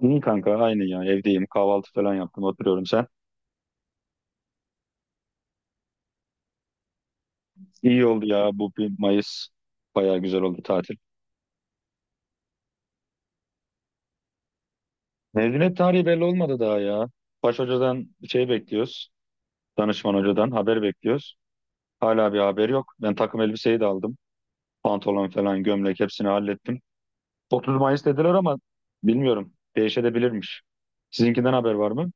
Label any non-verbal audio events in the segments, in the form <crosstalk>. İyi kanka aynı ya evdeyim kahvaltı falan yaptım oturuyorum sen. İyi oldu ya bu 1 Mayıs bayağı güzel oldu tatil. Mezuniyet tarihi belli olmadı daha ya. Baş hocadan şey bekliyoruz. Danışman hocadan haber bekliyoruz. Hala bir haber yok. Ben takım elbiseyi de aldım. Pantolon falan gömlek hepsini hallettim. 30 Mayıs dediler ama bilmiyorum değişebilirmiş. Sizinkinden haber var mı?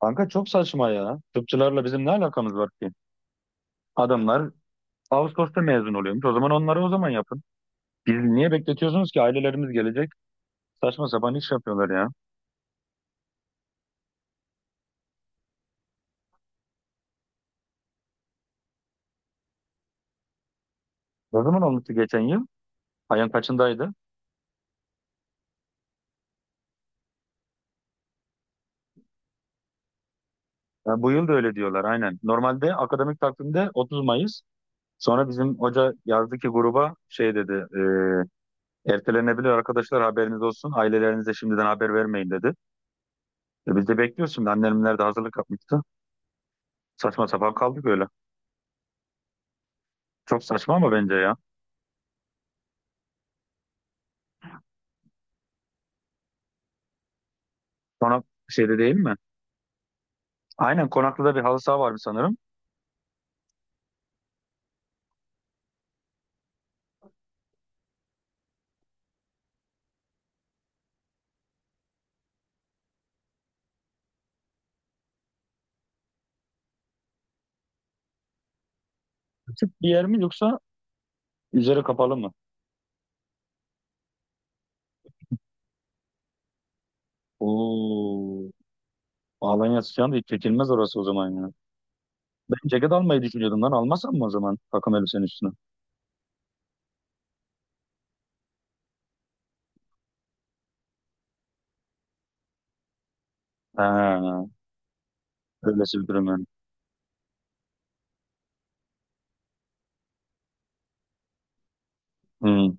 Kanka çok saçma ya. Tıpçılarla bizim ne alakamız var ki? Adamlar Ağustos'ta mezun oluyormuş. O zaman onları o zaman yapın. Biz niye bekletiyorsunuz ki ailelerimiz gelecek? Saçma sapan iş yapıyorlar ya. Ne zaman olmuştu geçen yıl? Ayın kaçındaydı? Ha, bu yıl da öyle diyorlar aynen. Normalde akademik takvimde 30 Mayıs. Sonra bizim hoca yazdı ki gruba şey dedi. Ertelenebilir arkadaşlar haberiniz olsun. Ailelerinize şimdiden haber vermeyin dedi. Biz de bekliyoruz şimdi. Annemler de hazırlık yapmıştı. Saçma sapan kaldık öyle. Çok saçma ama bence ya. Sonra şeyde değil mi? Aynen Konaklı'da bir halı saha var mı sanırım? Küçük bir yer mi yoksa üzeri kapalı mı? Oo. Alanya sıcağında hiç çekilmez orası o zaman ya. Ben ceket almayı düşünüyordum lan. Almasam mı o zaman takım elbisenin üstüne? Ha, öylesi bir durum yani. Hmm.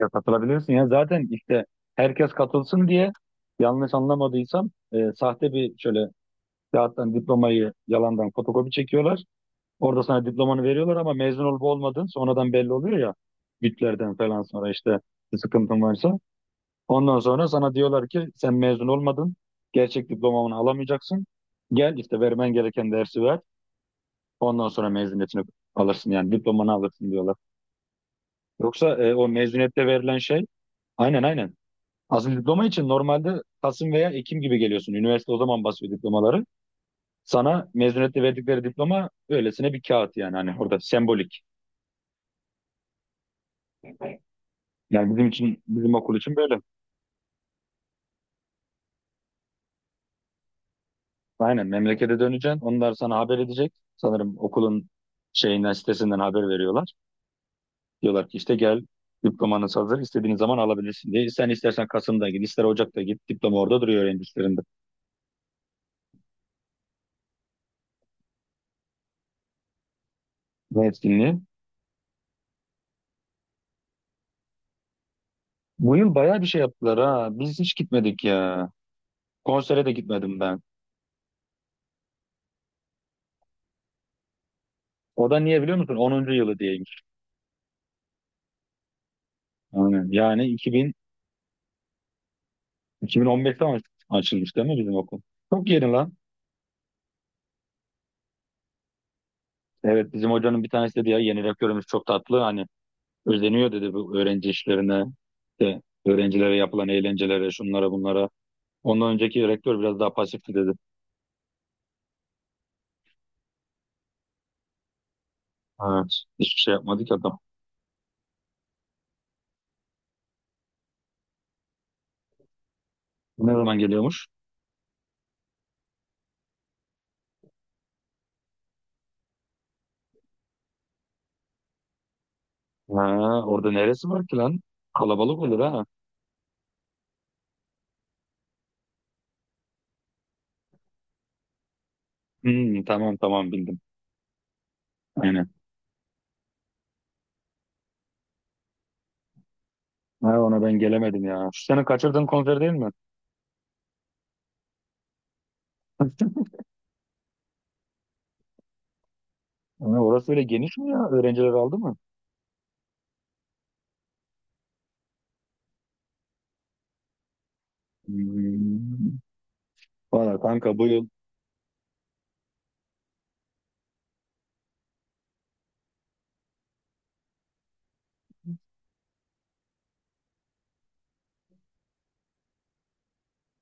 Ya katılabilirsin ya. Zaten işte herkes katılsın diye yanlış anlamadıysam sahte bir şöyle kağıttan diplomayı yalandan fotokopi çekiyorlar. Orada sana diplomanı veriyorlar ama mezun olup olmadığın sonradan belli oluyor ya. Bütlerden falan sonra işte bir sıkıntın varsa. Ondan sonra sana diyorlar ki sen mezun olmadın. Gerçek diplomanı alamayacaksın. Gel işte vermen gereken dersi ver. Ondan sonra mezuniyetini alırsın yani diplomanı alırsın diyorlar. Yoksa o mezuniyette verilen şey aynen aynen. Asıl diploma için normalde Kasım veya Ekim gibi geliyorsun. Üniversite o zaman basıyor diplomaları. Sana mezuniyette verdikleri diploma öylesine bir kağıt yani hani orada sembolik. Yani bizim için bizim okul için böyle. Aynen memlekete döneceksin. Onlar sana haber edecek. Sanırım okulun şeyinden sitesinden haber veriyorlar. Diyorlar ki işte gel diplomanız hazır istediğin zaman alabilirsin diye. Sen istersen Kasım'da git ister Ocak'ta git diploma orada duruyor öğrencilerinde. Ne etkinliği? Bu yıl bayağı bir şey yaptılar ha. Biz hiç gitmedik ya. Konsere de gitmedim ben. O da niye biliyor musun? 10. yılı diyeymiş. Aynen. Yani 2000, 2015'te açılmış değil mi bizim okul? Çok yeni lan. Evet bizim hocanın bir tanesi dedi ya yeni rektörümüz çok tatlı. Hani özeniyor dedi bu öğrenci işlerine. De, öğrencilere yapılan eğlencelere şunlara bunlara. Ondan önceki rektör biraz daha pasifti dedi. Evet. Hiçbir şey yapmadı ki adam. Ne zaman geliyormuş? Ha, orada neresi var ki lan? Kalabalık olur ha. Hmm, tamam tamam bildim. Aynen. Ha, ona ben gelemedim ya. Şu sene kaçırdığın konser değil mi? <laughs> Ha, orası öyle geniş mi ya? Öğrenciler aldı mı? Hmm. Valla kanka bu yıl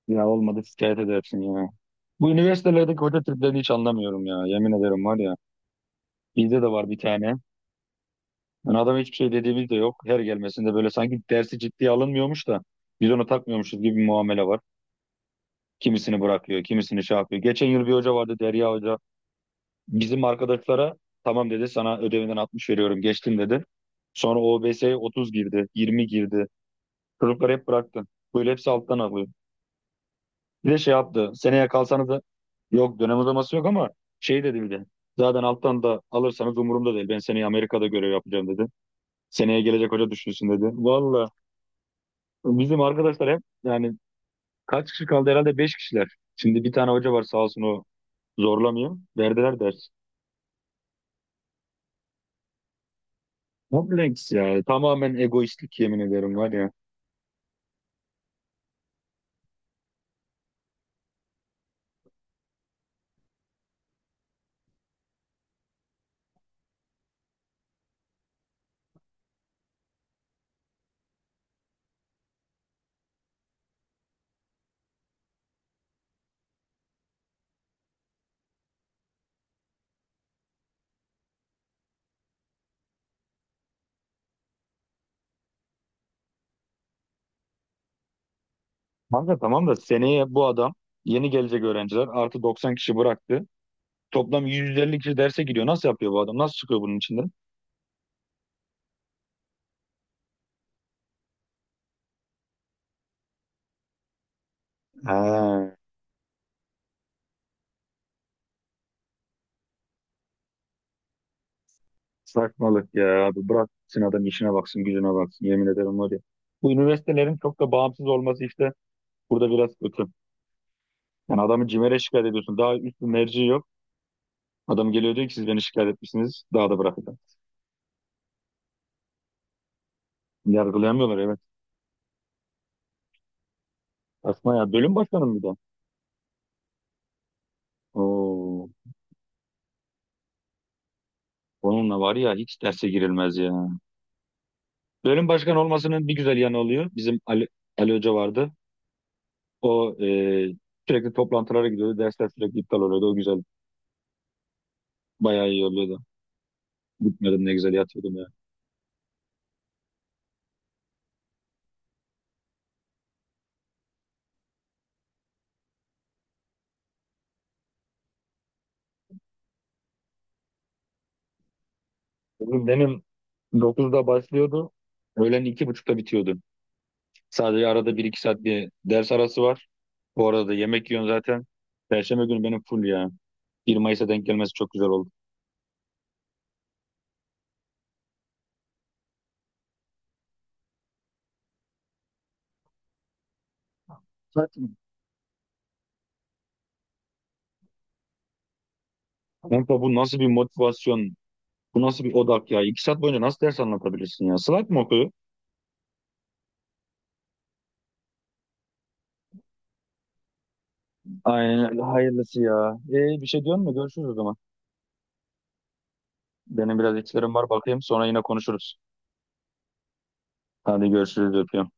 ya olmadı şikayet edersin ya. Bu üniversitelerdeki hoca triplerini hiç anlamıyorum ya. Yemin ederim var ya. Bizde de var bir tane. Yani adam hiçbir şey dediğimiz de yok. Her gelmesinde böyle sanki dersi ciddiye alınmıyormuş da biz onu takmıyormuşuz gibi bir muamele var. Kimisini bırakıyor, kimisini şey yapıyor. Geçen yıl bir hoca vardı Derya Hoca. Bizim arkadaşlara tamam dedi sana ödevinden 60 veriyorum geçtin dedi. Sonra o OBS'ye 30 girdi, 20 girdi. Çocukları hep bıraktı. Böyle hepsi alttan alıyor. Bir de şey yaptı. Seneye kalsanız da yok dönem uzaması yok ama şey dedi bir de. Zaten alttan da alırsanız umurumda değil. Ben seneye Amerika'da görev yapacağım dedi. Seneye gelecek hoca düşünsün dedi. Valla bizim arkadaşlar hep yani kaç kişi kaldı herhalde 5 kişiler. Şimdi bir tane hoca var sağ olsun o zorlamıyor. Verdiler ders. Kompleks ya. Tamamen egoistlik yemin ederim var ya. Kanka tamam da seneye bu adam yeni gelecek öğrenciler artı 90 kişi bıraktı. Toplam 150 kişi derse gidiyor. Nasıl yapıyor bu adam? Nasıl çıkıyor bunun içinden? Ha, saçmalık ya abi. Bıraksın adam işine baksın, gücüne baksın. Yemin ederim var ya. Bu üniversitelerin çok da bağımsız olması işte burada biraz kötü. Yani adamı CİMER'e şikayet ediyorsun. Daha üst bir merci yok. Adam geliyor diyor ki siz beni şikayet etmişsiniz. Daha da bırakacağım. Yargılayamıyorlar evet. Asma ya. Bölüm başkanı mı bir de? Oo. Onunla var ya hiç derse girilmez ya. Bölüm başkanı olmasının bir güzel yanı oluyor. Bizim Ali Hoca vardı. O sürekli toplantılara gidiyordu. Dersler sürekli iptal oluyordu. O güzel. Bayağı iyi oluyordu. Gitmedim ne güzel yatıyordum ya. Benim 9'da başlıyordu. Öğlen iki buçukta bitiyordu. Sadece arada bir iki saat bir ders arası var. Bu arada da yemek yiyorsun zaten. Perşembe günü benim full ya. 1 Mayıs'a denk gelmesi çok güzel oldu. Zaten. Kanka bu nasıl bir motivasyon? Bu nasıl bir odak ya? 2 saat boyunca nasıl ders anlatabilirsin ya? Slack mı okuyor? Aynen öyle. Hayırlısı ya. Bir şey diyor mu? Görüşürüz o zaman. Benim biraz işlerim var bakayım sonra yine konuşuruz. Hadi görüşürüz öpüyorum.